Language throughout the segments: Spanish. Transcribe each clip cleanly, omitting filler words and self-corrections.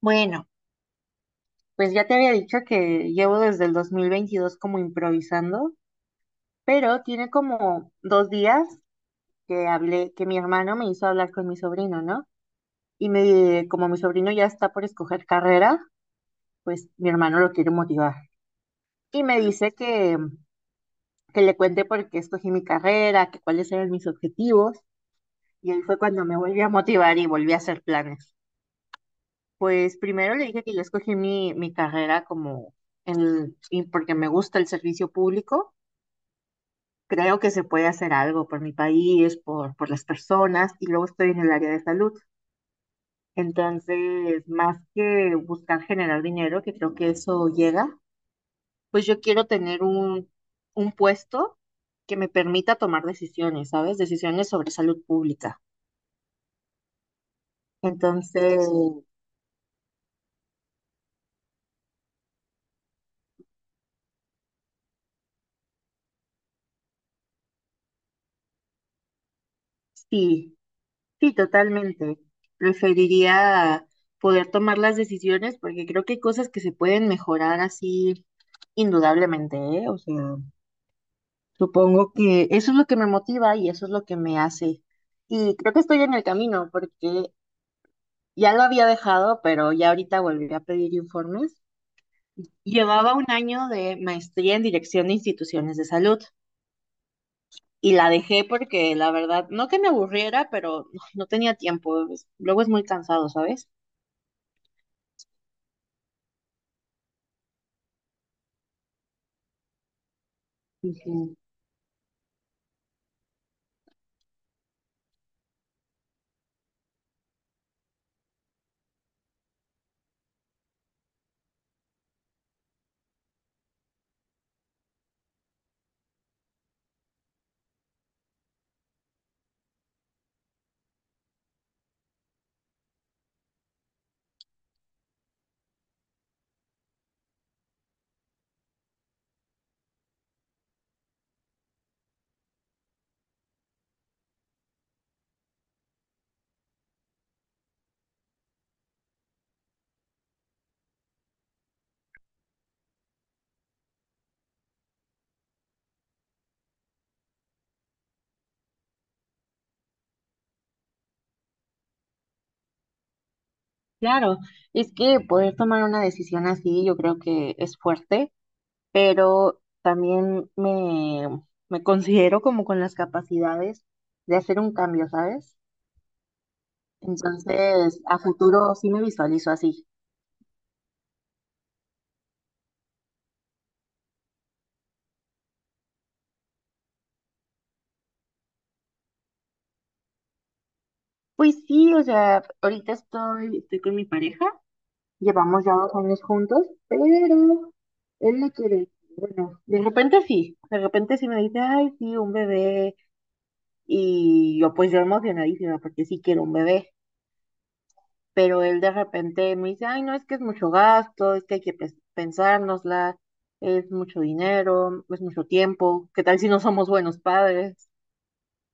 Bueno, pues ya te había dicho que llevo desde el 2022 como improvisando, pero tiene como 2 días que hablé, que mi hermano me hizo hablar con mi sobrino, ¿no? Como mi sobrino ya está por escoger carrera, pues mi hermano lo quiere motivar. Y me dice que le cuente por qué escogí mi carrera, que cuáles eran mis objetivos. Y ahí fue cuando me volví a motivar y volví a hacer planes. Pues primero le dije que yo escogí mi carrera y porque me gusta el servicio público. Creo que se puede hacer algo por mi país, por las personas, y luego estoy en el área de salud. Entonces, más que buscar generar dinero, que creo que eso llega, pues yo quiero tener un puesto que me permita tomar decisiones, ¿sabes? Decisiones sobre salud pública. Entonces, sí, sí, totalmente. Preferiría poder tomar las decisiones porque creo que hay cosas que se pueden mejorar así indudablemente, ¿eh? O sea, supongo que eso es lo que me motiva y eso es lo que me hace. Y creo que estoy en el camino porque ya lo había dejado, pero ya ahorita volví a pedir informes. Llevaba un año de maestría en dirección de instituciones de salud y la dejé porque la verdad, no que me aburriera, pero no tenía tiempo. Luego es muy cansado, ¿sabes? Dije, claro, es que poder tomar una decisión así yo creo que es fuerte, pero también me considero como con las capacidades de hacer un cambio, ¿sabes? Entonces, a futuro sí me visualizo así. Pues sí, o sea, ahorita estoy con mi pareja, llevamos ya 2 años juntos, pero él no quiere. Bueno, de repente sí me dice, ay, sí, un bebé. Y yo pues yo emocionadísima porque sí quiero un bebé. Pero él de repente me dice, ay, no, es que es mucho gasto, es que hay que pensárnosla, es mucho dinero, es mucho tiempo, ¿qué tal si no somos buenos padres?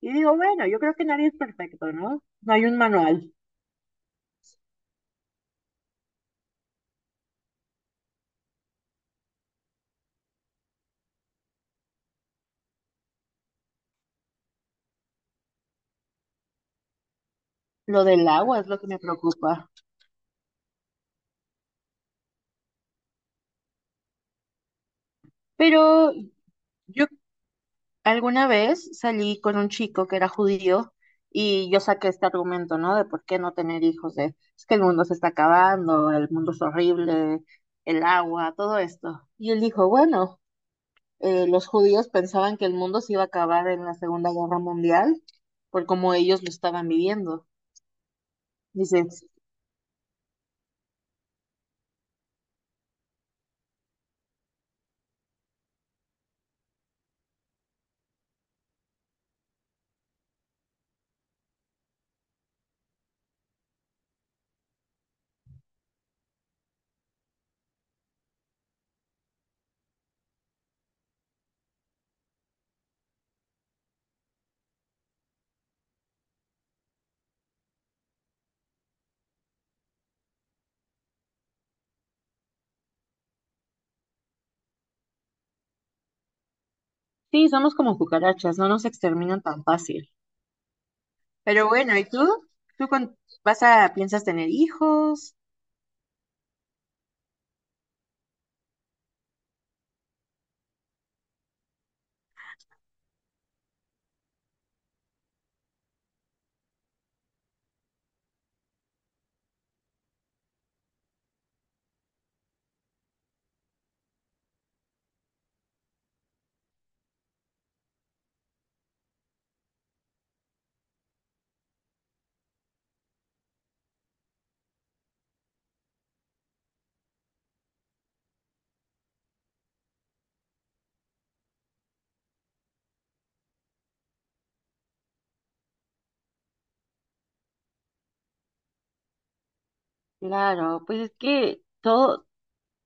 Y digo, bueno, yo creo que nadie es perfecto, ¿no? No hay un manual. Lo del agua es lo que me preocupa. Pero yo alguna vez salí con un chico que era judío y yo saqué este argumento, ¿no? De por qué no tener hijos, de es que el mundo se está acabando, el mundo es horrible, el agua, todo esto. Y él dijo, bueno. Los judíos pensaban que el mundo se iba a acabar en la Segunda Guerra Mundial por cómo ellos lo estaban viviendo. Dice, sí, somos como cucarachas, no nos exterminan tan fácil. Pero bueno, ¿y tú? ¿Tú con- vas a, piensas tener hijos? Claro, pues es que todo,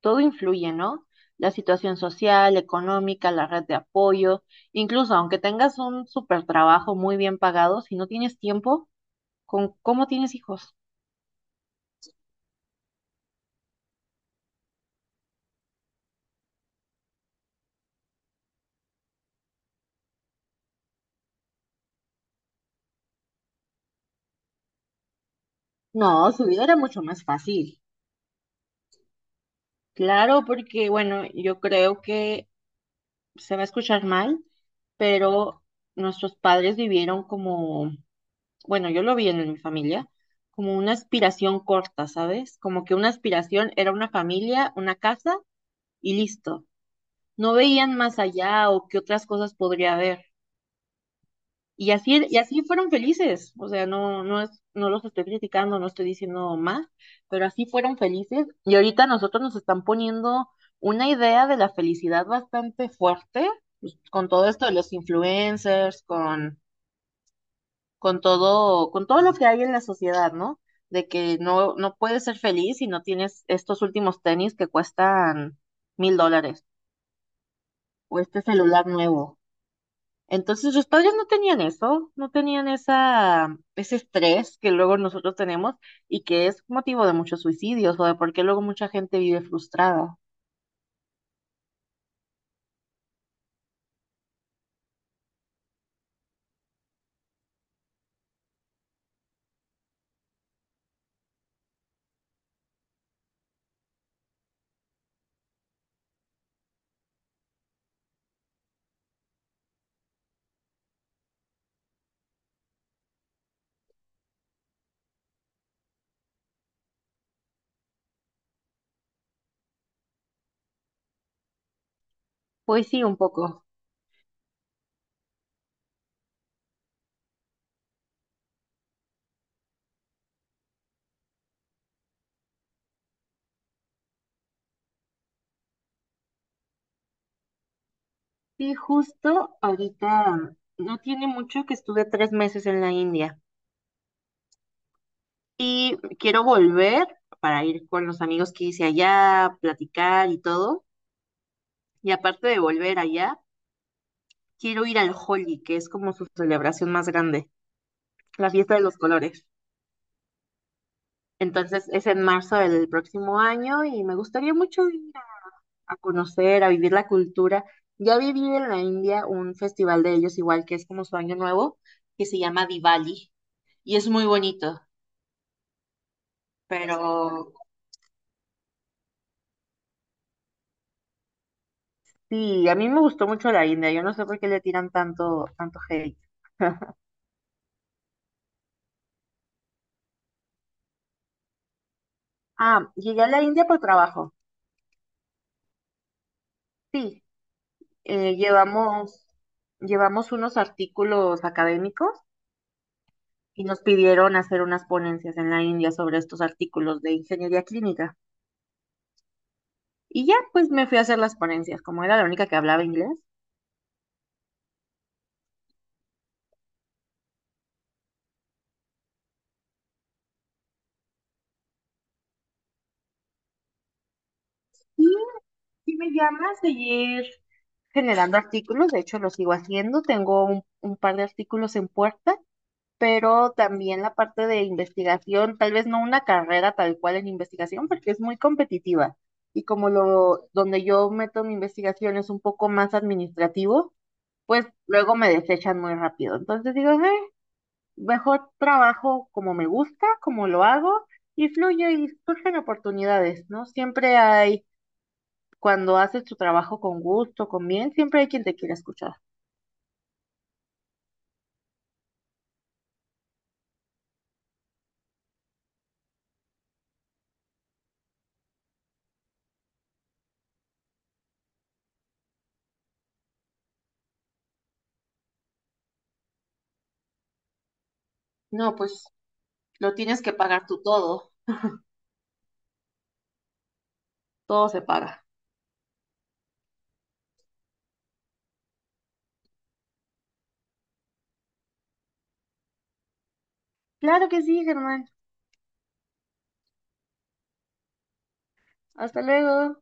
todo influye, ¿no? La situación social, económica, la red de apoyo, incluso aunque tengas un super trabajo muy bien pagado, si no tienes tiempo, ¿con cómo tienes hijos? No, su vida era mucho más fácil. Claro, porque bueno, yo creo que se va a escuchar mal, pero nuestros padres vivieron como, bueno, yo lo vi en mi familia, como una aspiración corta, ¿sabes? Como que una aspiración era una familia, una casa y listo. No veían más allá o qué otras cosas podría haber. Y así fueron felices, o sea, no, no es, no los estoy criticando, no estoy diciendo más, pero así fueron felices. Y ahorita nosotros nos están poniendo una idea de la felicidad bastante fuerte, pues, con, todo esto de los influencers, con todo lo que hay en la sociedad, ¿no? De que no puedes ser feliz si no tienes estos últimos tenis que cuestan $1,000, o este celular nuevo. Entonces los padres no tenían eso, no tenían esa, ese estrés que luego nosotros tenemos y que es motivo de muchos suicidios o de por qué luego mucha gente vive frustrada. Pues sí, un poco. Sí, justo ahorita no tiene mucho que estuve 3 meses en la India y quiero volver para ir con los amigos que hice allá, platicar y todo. Y aparte de volver allá, quiero ir al Holi, que es como su celebración más grande, la fiesta de los colores. Entonces es en marzo del próximo año y me gustaría mucho ir a conocer, a vivir la cultura. Ya viví en la India un festival de ellos igual que es como su año nuevo, que se llama Diwali y es muy bonito, pero sí, a mí me gustó mucho la India. Yo no sé por qué le tiran tanto, tanto hate. Ah, llegué a la India por trabajo. Sí, eh, llevamos, llevamos unos artículos académicos y nos pidieron hacer unas ponencias en la India sobre estos artículos de ingeniería clínica. Y ya, pues me fui a hacer las ponencias, como era la única que hablaba inglés. Y si me llamas, seguir generando artículos, de hecho lo sigo haciendo, tengo un, par de artículos en puerta, pero también la parte de investigación, tal vez no una carrera tal cual en investigación, porque es muy competitiva. Y donde yo meto mi investigación es un poco más administrativo, pues luego me desechan muy rápido. Entonces digo, "Ah, mejor trabajo como me gusta, como lo hago, y fluye y surgen oportunidades, ¿no? Siempre hay, cuando haces tu trabajo con gusto, con bien, siempre hay quien te quiera escuchar. No, pues lo tienes que pagar tú todo, todo se paga. Claro que sí, Germán. Hasta luego.